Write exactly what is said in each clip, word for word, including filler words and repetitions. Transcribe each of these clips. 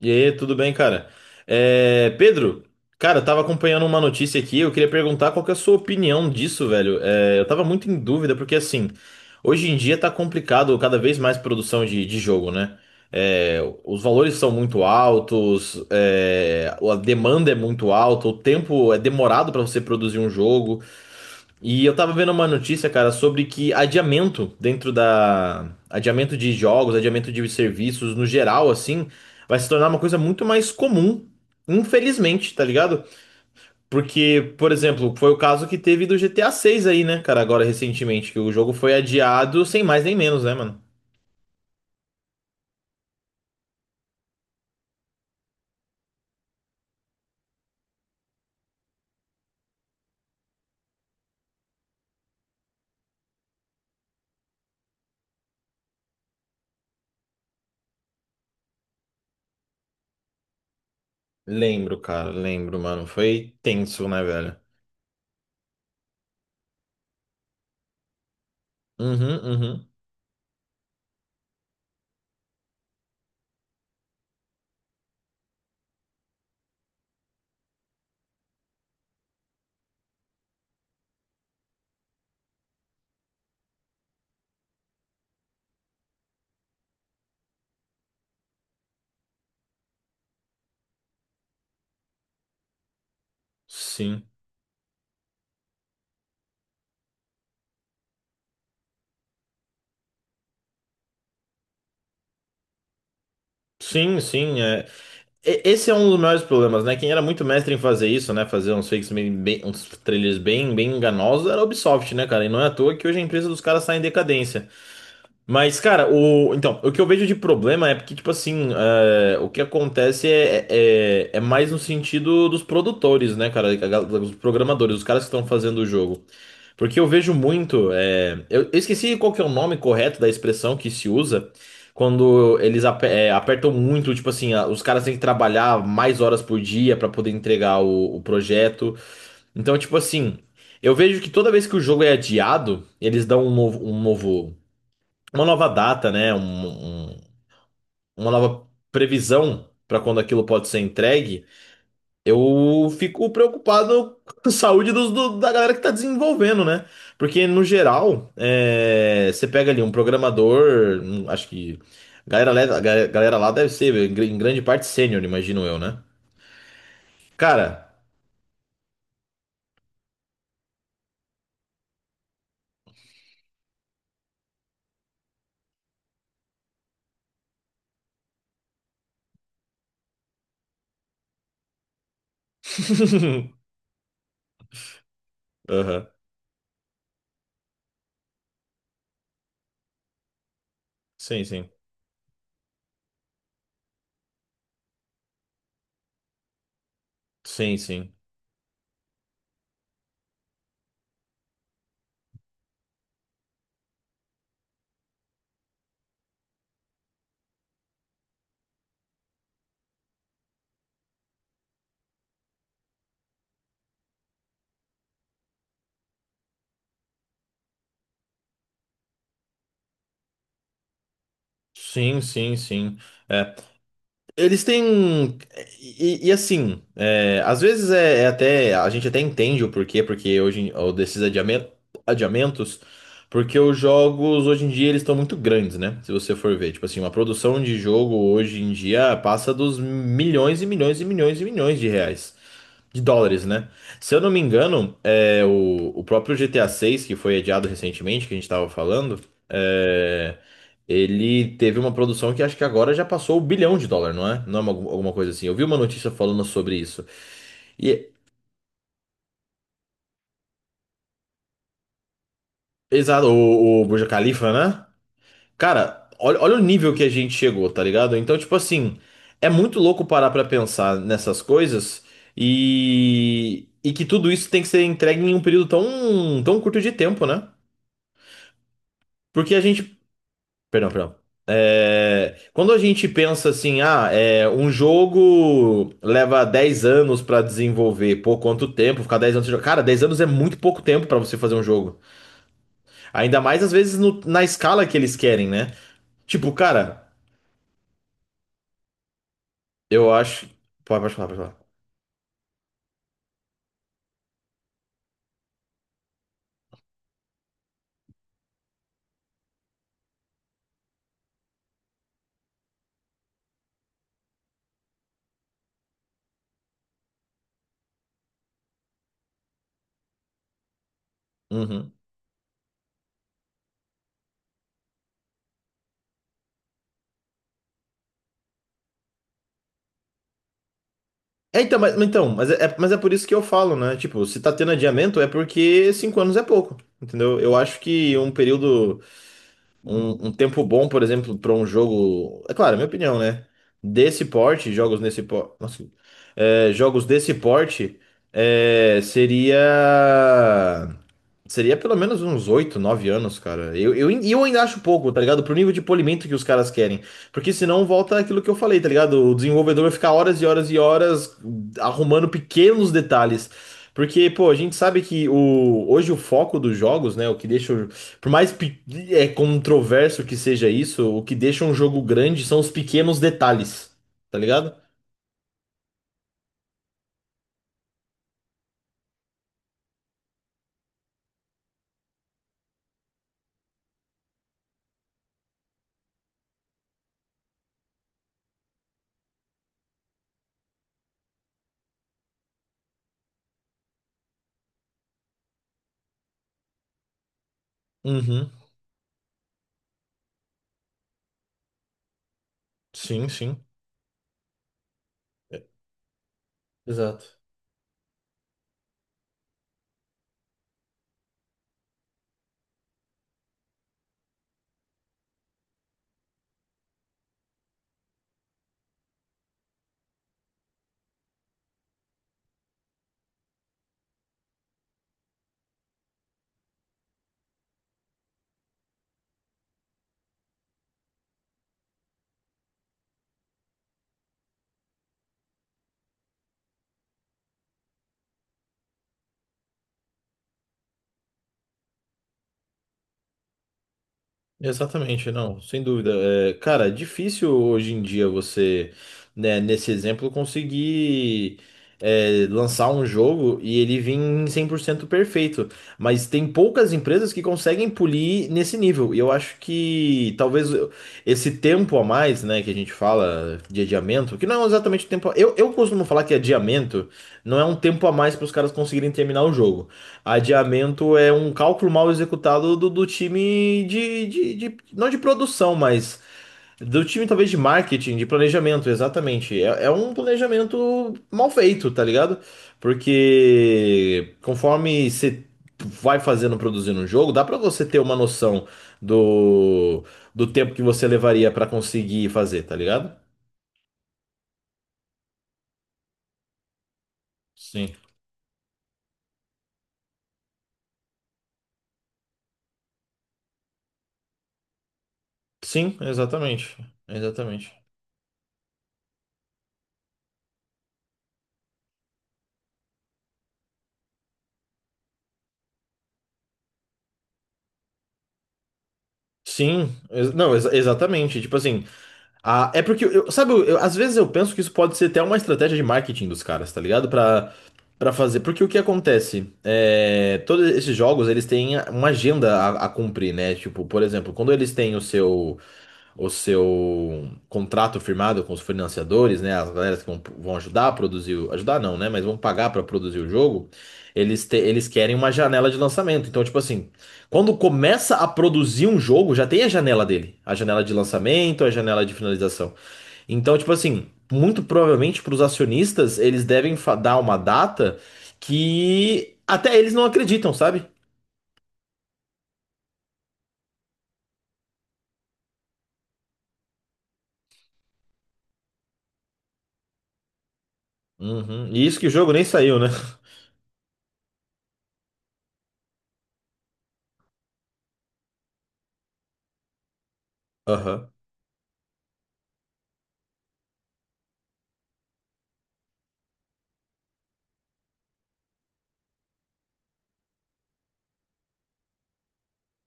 E aí, tudo bem, cara? É, Pedro, cara, eu tava acompanhando uma notícia aqui, eu queria perguntar qual que é a sua opinião disso, velho. É, eu tava muito em dúvida, porque assim, hoje em dia tá complicado cada vez mais produção de, de jogo, né? É, os valores são muito altos, é, a demanda é muito alta, o tempo é demorado pra você produzir um jogo. E eu tava vendo uma notícia, cara, sobre que adiamento dentro da. Adiamento de jogos, adiamento de serviços no geral, assim, vai se tornar uma coisa muito mais comum, infelizmente, tá ligado? Porque, por exemplo, foi o caso que teve do G T A seis aí, né, cara, agora recentemente, que o jogo foi adiado sem mais nem menos, né, mano? Lembro, cara, lembro, mano. Foi tenso, né, velho? Uhum, uhum. Sim. Sim, sim. é, E- Esse é um dos maiores problemas, né? Quem era muito mestre em fazer isso, né? Fazer uns fakes meio bem, uns trailers bem, bem enganosos era a Ubisoft, né, cara? E não é à toa que hoje a empresa dos caras está em decadência. Mas, cara, o, então, o que eu vejo de problema é porque, tipo assim, é, o que acontece é, é, é é mais no sentido dos produtores, né, cara? A gal- Os programadores, os caras que estão fazendo o jogo. Porque eu vejo muito. é, Eu, eu esqueci qual que é o nome correto da expressão que se usa quando eles ape- é, apertam muito, tipo assim, a- os caras têm que trabalhar mais horas por dia pra poder entregar o, o projeto. Então, tipo assim, eu vejo que toda vez que o jogo é adiado, eles dão um novo, um novo- uma nova data, né? um- um- uma nova previsão pra quando aquilo pode ser entregue. Eu fico preocupado com a saúde dos- do- da galera que está desenvolvendo, né? Porque, no geral, é, você pega ali um programador, um- acho que a galera, le- a ga- galera lá deve ser, em gr- em grande parte, sênior, imagino eu, né? Cara. Aham. Sim, sim. Sim, sim. Sim, sim, sim. Eles têm. um, E, e assim, é, às vezes é, é até. A gente até entende o porquê, porque hoje em- ou desses adiamen- adiamentos, porque os jogos hoje em dia eles estão muito grandes, né? Se você for ver. Tipo assim, uma produção de jogo hoje em dia passa dos milhões e milhões e milhões e milhões de reais. De dólares, né? Se eu não me engano, é, o, o próprio G T A vi que foi adiado recentemente, que a gente tava falando. é, ele teve uma produção que acho que agora já passou o bilhão de dólar, não é? Não é uma- alguma coisa assim. Eu vi uma notícia falando sobre isso. E, exato, o, o Burj Khalifa, né? Cara, olha, olha o nível que a gente chegou, tá ligado? Então, tipo assim, é muito louco parar pra pensar nessas coisas e, e que tudo isso tem que ser entregue em um período tão, tão curto de tempo, né? Porque a gente Perdão, perdão. É, quando a gente pensa assim, ah, é, um jogo leva dez anos pra desenvolver, pô, quanto tempo? Ficar dez anos sem jogar? Cara, dez anos é muito pouco tempo pra você fazer um jogo. Ainda mais às vezes no- na escala que eles querem, né? Tipo, cara, eu acho. Pode, pode falar, pode falar. Uhum. É, então, mas, então, mas é, é- mas é por isso que eu falo, né? Tipo, se tá tendo adiamento é porque cinco anos é pouco, entendeu? Eu acho que um período. Um, um tempo bom, por exemplo, para um jogo. É claro, é minha opinião, né? Desse porte, jogos nesse porte. Nossa, é, jogos desse porte é, seria. Seria pelo menos uns oito nove anos, cara. Eu, eu, e eu ainda acho pouco, tá ligado? Pro nível de polimento que os caras querem. Porque senão volta aquilo que eu falei, tá ligado? O desenvolvedor vai ficar horas e horas e horas arrumando pequenos detalhes. Porque, pô, a gente sabe que o, hoje o foco dos jogos, né? O que deixa. O- Por mais pe- é controverso que seja isso, o que deixa um jogo grande são os pequenos detalhes, tá ligado? Uhum. Sim, sim. Exato. Exatamente, não, sem dúvida. É, cara, é difícil hoje em dia você, né, nesse exemplo, conseguir é, lançar um jogo e ele vir em cem por cento perfeito. Mas tem poucas empresas que conseguem polir nesse nível. E eu acho que talvez eu- esse tempo a mais, né, que a gente fala de adiamento, que não é exatamente o tempo. Eu, eu costumo falar que adiamento não é um tempo a mais para os caras conseguirem terminar o jogo. Adiamento é um cálculo mal executado do, do time de, de, de- Não de produção, mas do time talvez de marketing, de planejamento, exatamente. É, é um planejamento mal feito, tá ligado? Porque conforme você vai fazendo, produzindo um jogo, dá pra você ter uma noção do, do tempo que você levaria pra conseguir fazer, tá ligado? Sim. Sim, exatamente. Exatamente. Sim, ex- não, ex- exatamente. Tipo assim, a- é porque, eu, eu- sabe, eu- eu- às vezes eu penso que isso pode ser até uma estratégia de marketing dos caras, tá ligado? Pra, pra fazer. Porque o que acontece? É, todos esses jogos, eles têm uma agenda a, a cumprir, né? Tipo, por exemplo, quando eles têm o seu o seu contrato firmado com os financiadores, né, as galeras que vão, vão ajudar a produzir, o- ajudar não, né, mas vão pagar para produzir o jogo, eles, te- eles querem uma janela de lançamento. Então, tipo assim, quando começa a produzir um jogo, já tem a janela dele, a janela de lançamento, a janela de finalização. Então, tipo assim, muito provavelmente para os acionistas, eles devem fa- dar uma data que até eles não acreditam, sabe? Uhum. E isso que o jogo nem saiu, né? Aham.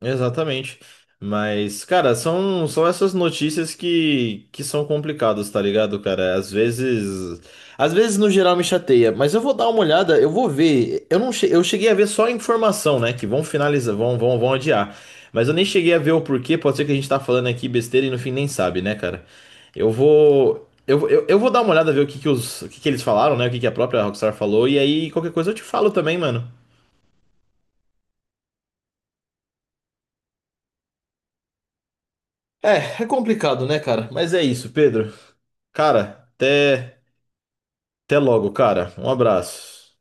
Exatamente. Mas, cara, são, são essas notícias que, que são complicadas, tá ligado, cara? Às vezes. Às vezes, no geral, me chateia, mas eu vou dar uma olhada, eu vou ver. Eu não che- eu cheguei a ver só a informação, né? Que vão finalizar, vão, vão, vão adiar. Mas eu nem cheguei a ver o porquê, pode ser que a gente tá falando aqui besteira e no fim nem sabe, né, cara? Eu vou. Eu, eu, eu vou dar uma olhada, ver o que, que, os, o que, que eles falaram, né? O que, que a própria Rockstar falou, e aí qualquer coisa eu te falo também, mano. É, é complicado, né, cara? Mas é isso, Pedro. Cara, até, até logo, cara. Um abraço.